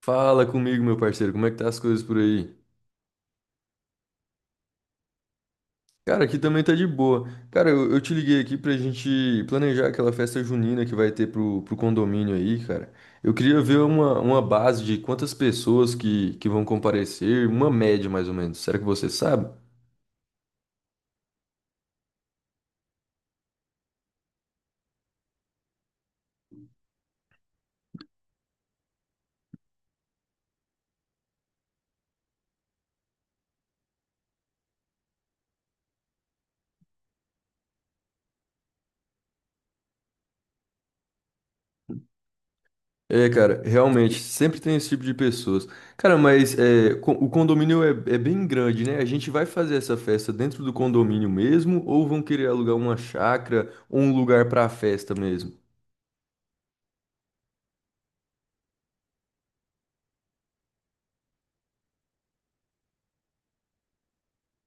Fala comigo, meu parceiro, como é que tá as coisas por aí? Cara, aqui também tá de boa. Cara, eu te liguei aqui pra gente planejar aquela festa junina que vai ter pro condomínio aí, cara. Eu queria ver uma base de quantas pessoas que vão comparecer, uma média mais ou menos. Será que você sabe? É, cara, realmente, sempre tem esse tipo de pessoas. Cara, mas é, o condomínio é bem grande, né? A gente vai fazer essa festa dentro do condomínio mesmo ou vão querer alugar uma chácara ou um lugar pra festa mesmo?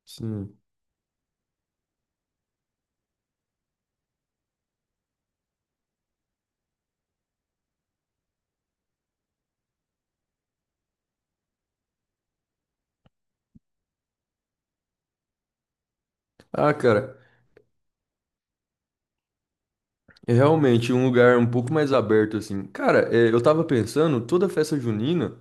Sim. Ah, cara, é realmente um lugar um pouco mais aberto, assim. Cara, é, eu tava pensando, toda festa junina,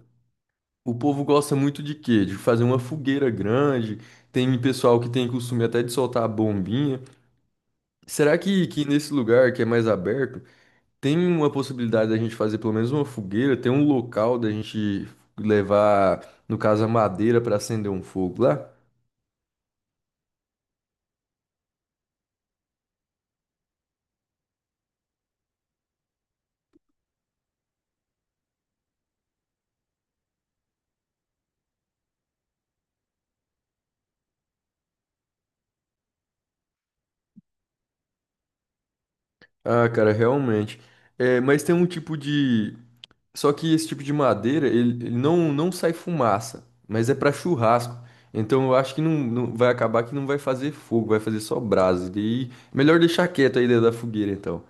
o povo gosta muito de quê? De fazer uma fogueira grande, tem pessoal que tem costume até de soltar a bombinha. Será que nesse lugar que é mais aberto, tem uma possibilidade da gente fazer pelo menos uma fogueira, tem um local da gente levar, no caso, a madeira para acender um fogo lá? Ah, cara, realmente. É, mas tem um tipo de só que esse tipo de madeira, ele não sai fumaça, mas é para churrasco. Então eu acho que vai acabar que não vai fazer fogo, vai fazer só brasa. E daí, melhor deixar quieto aí dentro da fogueira, então.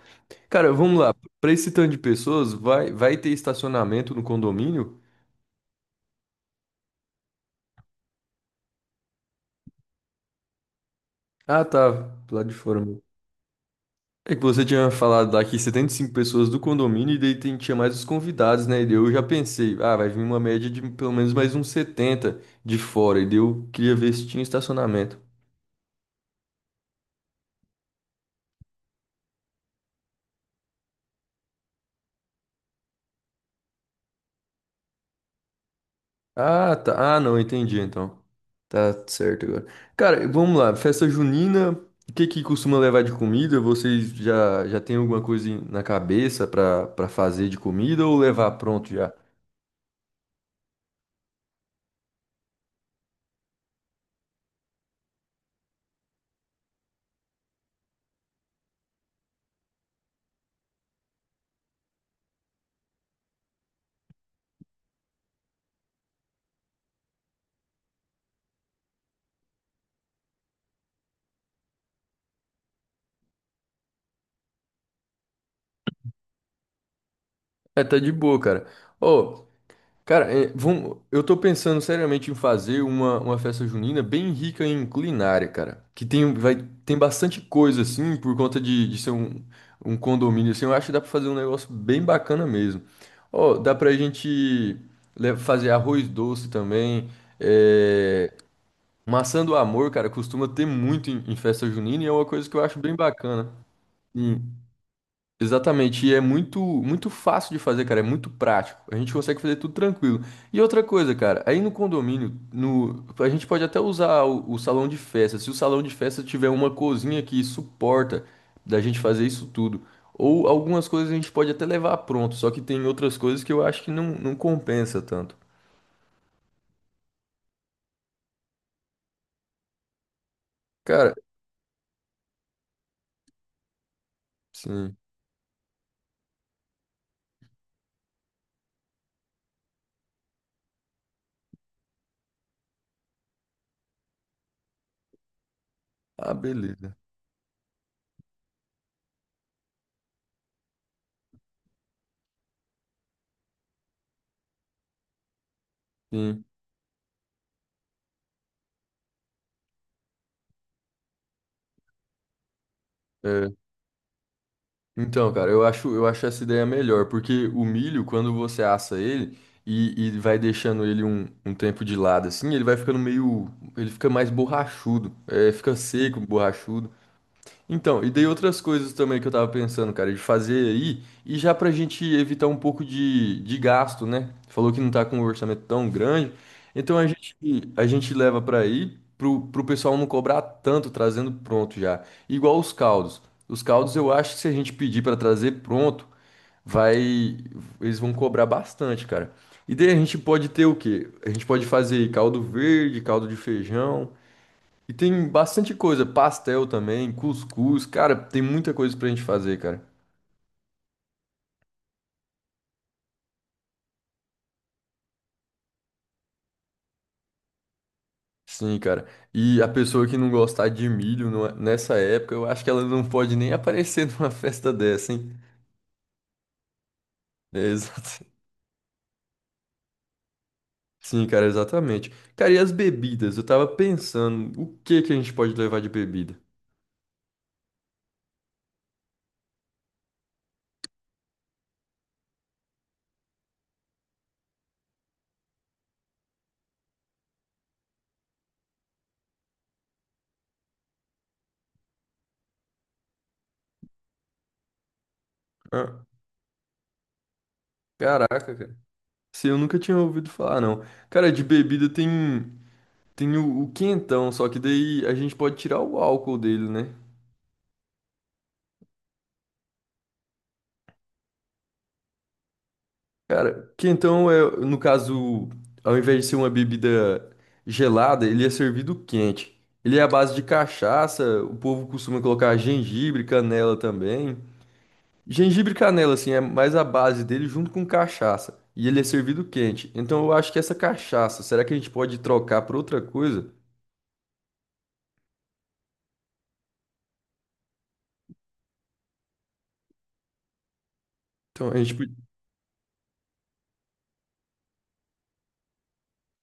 Cara, vamos lá. Para esse tanto de pessoas, vai ter estacionamento no condomínio? Ah, tá. Do lado de fora mesmo. É que você tinha falado lá que 75 pessoas do condomínio e daí tinha mais os convidados, né? E daí eu já pensei, ah, vai vir uma média de pelo menos mais uns 70 de fora. E daí eu queria ver se tinha estacionamento. Ah, tá. Ah, não, entendi então. Tá certo agora. Cara, vamos lá. Festa junina, o que que costuma levar de comida? Vocês já já tem alguma coisa na cabeça pra para fazer de comida ou levar pronto já? É, tá de boa, cara. Ô, cara, é, vamos, eu tô pensando seriamente em fazer uma festa junina bem rica em culinária, cara. Que tem, tem bastante coisa, assim, por conta de ser um condomínio, assim. Eu acho que dá pra fazer um negócio bem bacana mesmo. Ó, dá pra gente fazer arroz doce também. É, maçã do amor, cara, costuma ter muito em festa junina e é uma coisa que eu acho bem bacana. Exatamente, e é muito, muito fácil de fazer, cara, é muito prático. A gente consegue fazer tudo tranquilo. E outra coisa, cara, aí no condomínio, no, a gente pode até usar o salão de festa. Se o salão de festa tiver uma cozinha que suporta da gente fazer isso tudo, ou algumas coisas a gente pode até levar pronto, só que tem outras coisas que eu acho que não compensa tanto. Cara, sim. Ah, beleza. Sim. É. Então, cara, eu acho essa ideia melhor, porque o milho, quando você assa ele e vai deixando ele um tempo de lado assim, ele vai ficando meio. Ele fica mais borrachudo, é, fica seco, borrachudo. Então, e daí outras coisas também que eu tava pensando, cara, de fazer aí, e já pra gente evitar um pouco de gasto, né? Falou que não tá com um orçamento tão grande, então a gente leva pra aí, pro pessoal não cobrar tanto trazendo pronto já. Igual os caldos. Os caldos eu acho que se a gente pedir pra trazer pronto, vai, eles vão cobrar bastante, cara. E daí a gente pode ter o quê? A gente pode fazer caldo verde, caldo de feijão. E tem bastante coisa, pastel também, cuscuz, cara, tem muita coisa pra gente fazer, cara. Sim, cara. E a pessoa que não gostar de milho nessa época, eu acho que ela não pode nem aparecer numa festa dessa, hein? É, exato. Sim, cara, exatamente. Cara, e as bebidas? Eu tava pensando, o que que a gente pode levar de bebida? Ah, caraca, cara. Se eu nunca tinha ouvido falar, não. Cara, de bebida tem o quentão, só que daí a gente pode tirar o álcool dele, né? Cara, que então é, no caso, ao invés de ser uma bebida gelada, ele é servido quente. Ele é à base de cachaça, o povo costuma colocar gengibre, canela também. Gengibre e canela, assim, é mais a base dele junto com cachaça. E ele é servido quente. Então eu acho que essa cachaça, será que a gente pode trocar por outra coisa? Então a gente.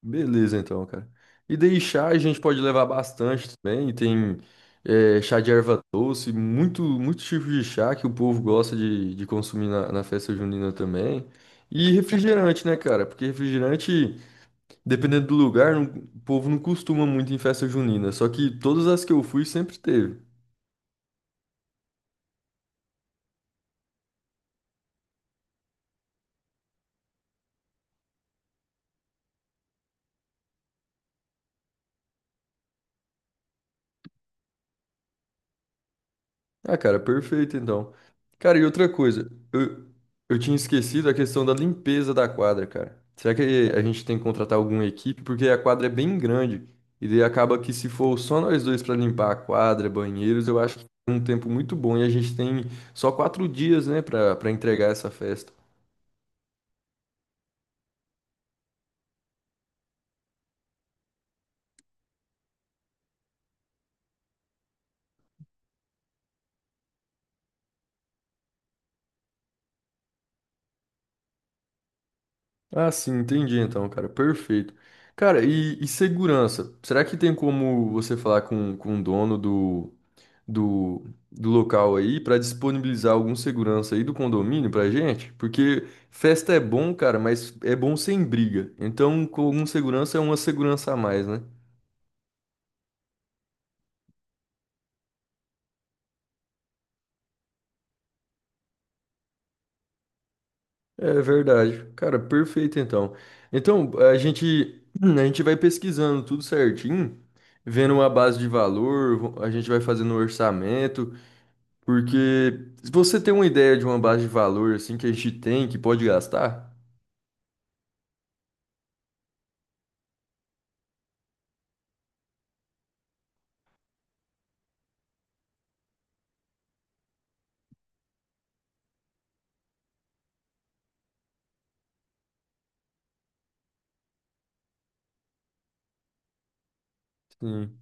Beleza, então, cara. E daí chá a gente pode levar bastante também. Tem chá de erva doce, muito, muito tipo de chá que o povo gosta de consumir na festa junina também. E refrigerante, né, cara? Porque refrigerante, dependendo do lugar, o povo não costuma muito em festa junina. Só que todas as que eu fui sempre teve. Ah, cara, perfeito então. Cara, e outra coisa, eu tinha esquecido a questão da limpeza da quadra, cara. Será que a gente tem que contratar alguma equipe? Porque a quadra é bem grande e daí acaba que se for só nós dois pra limpar a quadra, banheiros, eu acho que é um tempo muito bom e a gente tem só 4 dias, né, pra para entregar essa festa. Ah, sim, entendi então, cara, perfeito. Cara, e segurança? Será que tem como você falar com o dono do, do local aí para disponibilizar algum segurança aí do condomínio pra gente, porque festa é bom, cara, mas é bom sem briga. Então, com algum segurança é uma segurança a mais, né? É verdade. Cara, perfeito então. Então, a gente a gente vai pesquisando tudo certinho, vendo uma base de valor, a gente vai fazendo um orçamento, porque se você tem uma ideia de uma base de valor assim que a gente tem, que pode gastar. Sim.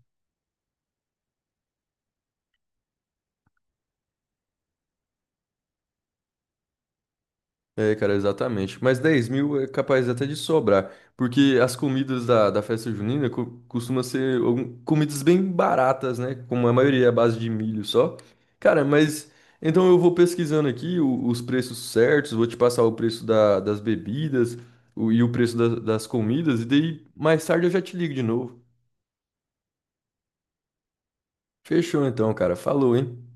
É, cara, exatamente. Mas 10.000 é capaz até de sobrar, porque as comidas da festa junina co costumam ser comidas bem baratas, né? Como a maioria é à base de milho só. Cara, mas então eu vou pesquisando aqui os preços certos, vou te passar o preço das bebidas e o preço das comidas, e daí mais tarde eu já te ligo de novo. Fechou então, cara. Falou, hein?